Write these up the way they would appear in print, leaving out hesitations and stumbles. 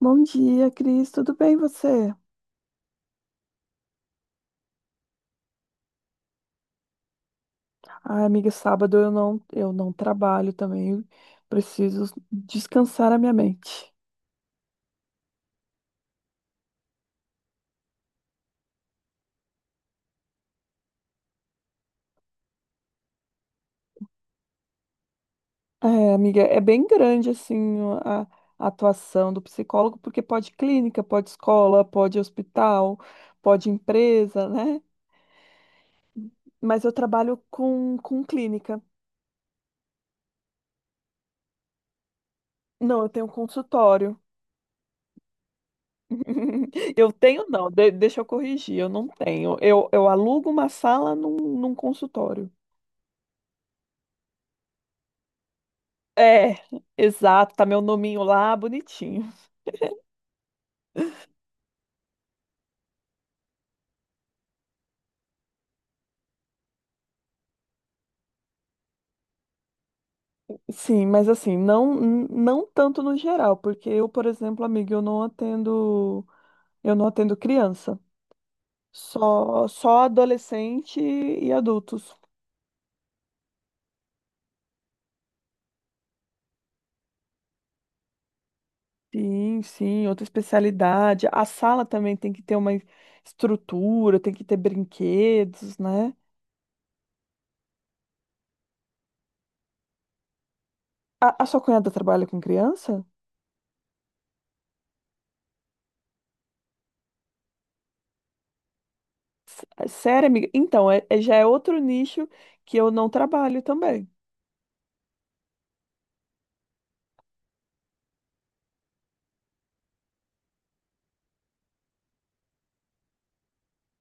Bom dia, Cris. Tudo bem e você? Ai, amiga, sábado eu não trabalho também. Preciso descansar a minha mente. É, amiga, é bem grande assim a, a atuação do psicólogo, porque pode clínica, pode escola, pode hospital, pode empresa, né? Mas eu trabalho com clínica. Não, eu tenho consultório. Eu tenho, não, deixa eu corrigir, eu não tenho. Eu alugo uma sala num consultório. É, exato, tá meu nominho lá, bonitinho. Sim, mas assim, não tanto no geral, porque eu, por exemplo, amiga, eu não atendo criança, só adolescente e adultos. Sim, sim, outra especialidade. A sala também tem que ter uma estrutura, tem que ter brinquedos, né? A sua cunhada trabalha com criança? É sério, amiga? Então, já é outro nicho que eu não trabalho também.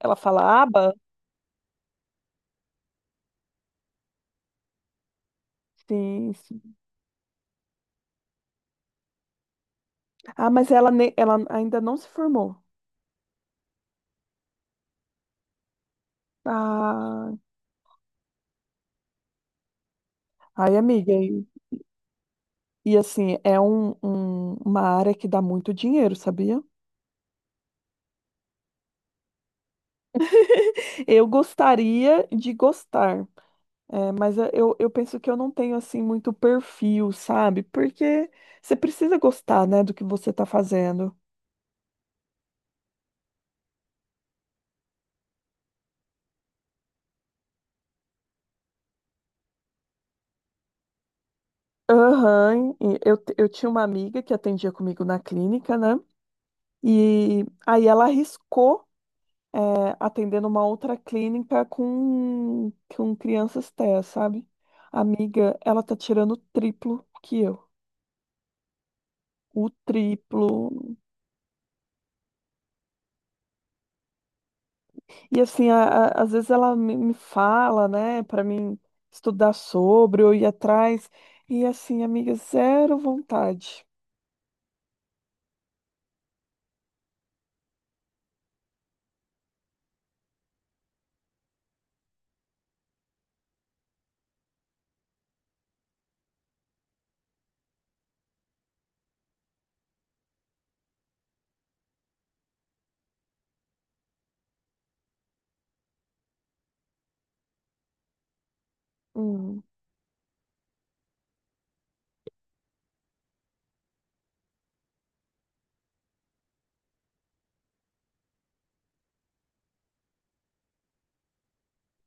Ela fala aba? Sim, ah, mas ela, ela ainda não se formou. Ah, ai, amiga. E assim, é uma área que dá muito dinheiro, sabia? Eu gostaria de gostar, é, mas eu, eu penso que eu não tenho assim muito perfil, sabe? Porque você precisa gostar, né, do que você está fazendo. Aham, e eu, eu tinha uma amiga que atendia comigo na clínica, né? E aí ela arriscou, é, atendendo uma outra clínica com crianças TEA, sabe? Amiga, ela tá tirando o triplo que eu. O triplo. E assim, às vezes ela me fala, né, pra mim estudar sobre ou ir atrás. E assim, amiga, zero vontade. Hum,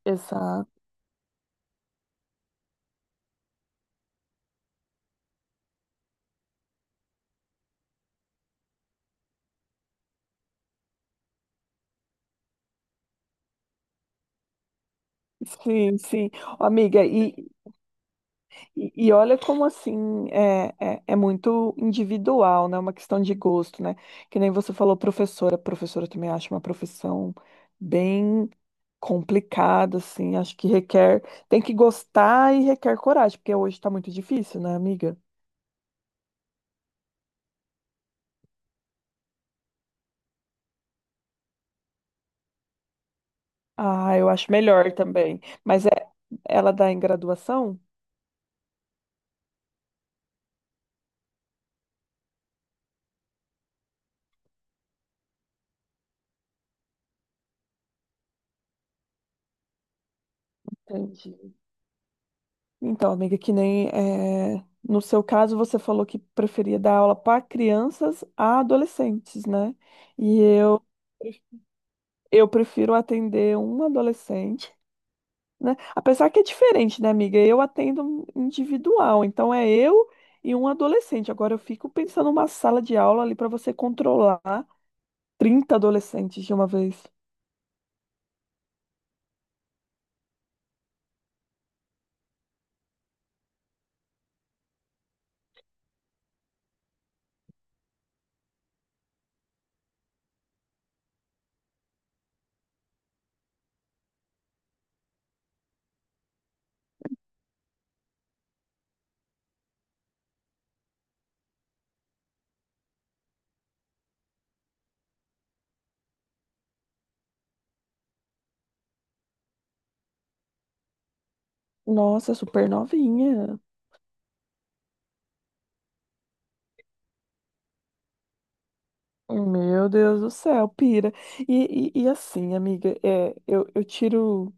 exato. Sim, sim. Ô, amiga, e, e olha como assim é, é muito individual, né? Uma questão de gosto, né? Que nem você falou, professora. Professora eu também acho uma profissão bem complicada, assim. Acho que requer, tem que gostar e requer coragem, porque hoje tá muito difícil, né, amiga? Ah, eu acho melhor também. Mas é, ela dá em graduação? Entendi. Então, amiga, que nem no seu caso você falou que preferia dar aula para crianças a adolescentes, né? E eu prefiro atender um adolescente, né? Apesar que é diferente, né, amiga? Eu atendo um individual, então é eu e um adolescente. Agora eu fico pensando numa sala de aula ali para você controlar 30 adolescentes de uma vez. Nossa, super novinha. Meu Deus do céu, pira. E assim, amiga, é, eu tiro.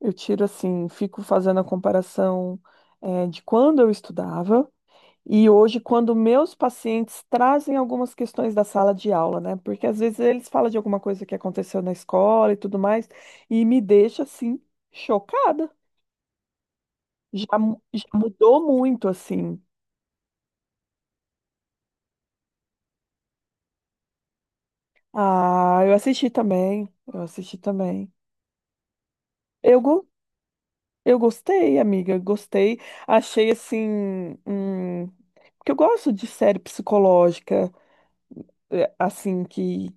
Eu tiro assim, fico fazendo a comparação, de quando eu estudava e hoje, quando meus pacientes trazem algumas questões da sala de aula, né? Porque às vezes eles falam de alguma coisa que aconteceu na escola e tudo mais, e me deixa assim, chocada. Já mudou muito, assim. Ah, eu assisti também, eu assisti também. Eu, eu gostei, amiga, gostei. Achei assim, porque eu gosto de série psicológica. É, assim que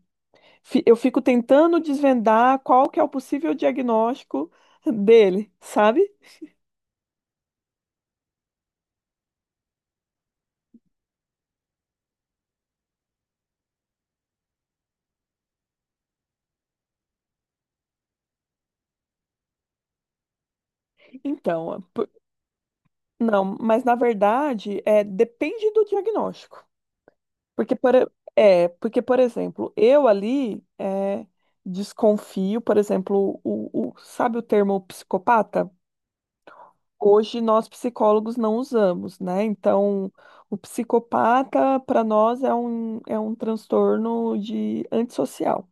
eu fico tentando desvendar qual que é o possível diagnóstico dele, sabe? Então, não, mas na verdade é depende do diagnóstico. Porque é, porque por exemplo, eu ali é, desconfio, por exemplo, sabe o termo psicopata? Hoje nós psicólogos não usamos, né? Então, o psicopata para nós é é um transtorno de antissocial.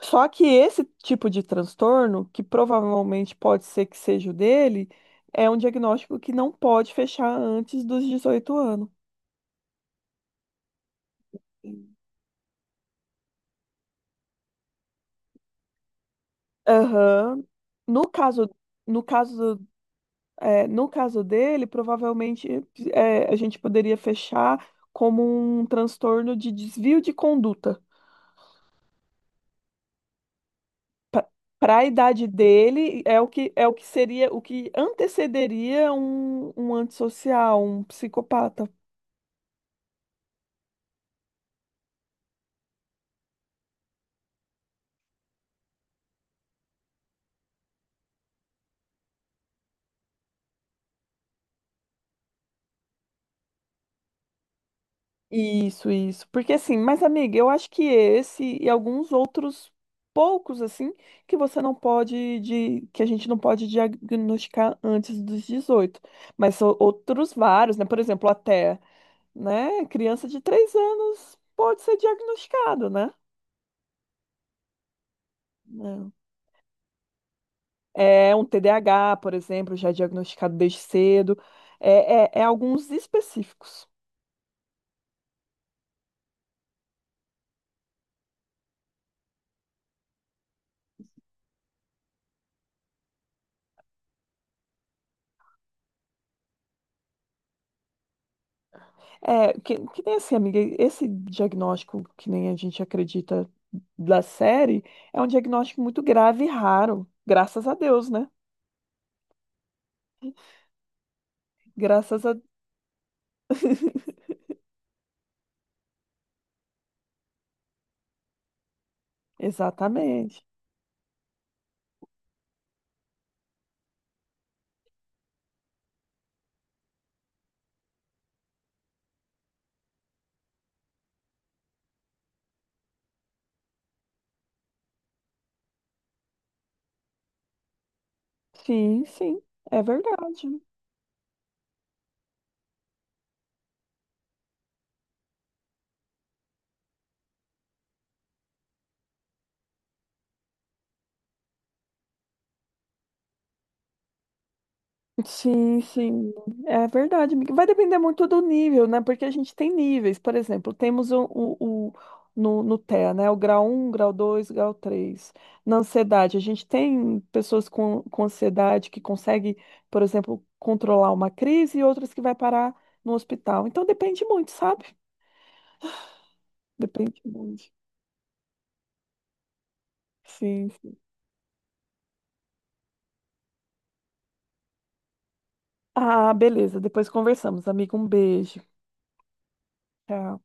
Só que esse tipo de transtorno, que provavelmente pode ser que seja o dele, é um diagnóstico que não pode fechar antes dos 18 anos. Aham. No caso, no caso, é, no caso dele, provavelmente é, a gente poderia fechar como um transtorno de desvio de conduta. Para a idade dele, é é o que seria, o que antecederia um antissocial, um psicopata. Isso, isso. Porque assim, mas amiga, eu acho que esse e alguns outros poucos assim que você não pode de que a gente não pode diagnosticar antes dos 18, mas são outros vários, né? Por exemplo, até, né, criança de 3 anos pode ser diagnosticado, né? Não. É um TDAH, por exemplo, já é diagnosticado desde cedo. É alguns específicos. É, que nem assim, amiga, esse diagnóstico que nem a gente acredita da série é um diagnóstico muito grave e raro, graças a Deus, né? Graças a... Exatamente. Sim, sim, é verdade. Sim, sim, é verdade, amiga. Vai depender muito do nível, né? Porque a gente tem níveis, por exemplo, temos no, no TEA, né? O grau 1, grau 2, grau 3. Na ansiedade, a gente tem pessoas com ansiedade que consegue, por exemplo, controlar uma crise e outras que vai parar no hospital. Então depende muito, sabe? Depende muito. Sim, sim. Ah, beleza. Depois conversamos, amiga. Um beijo. Tchau.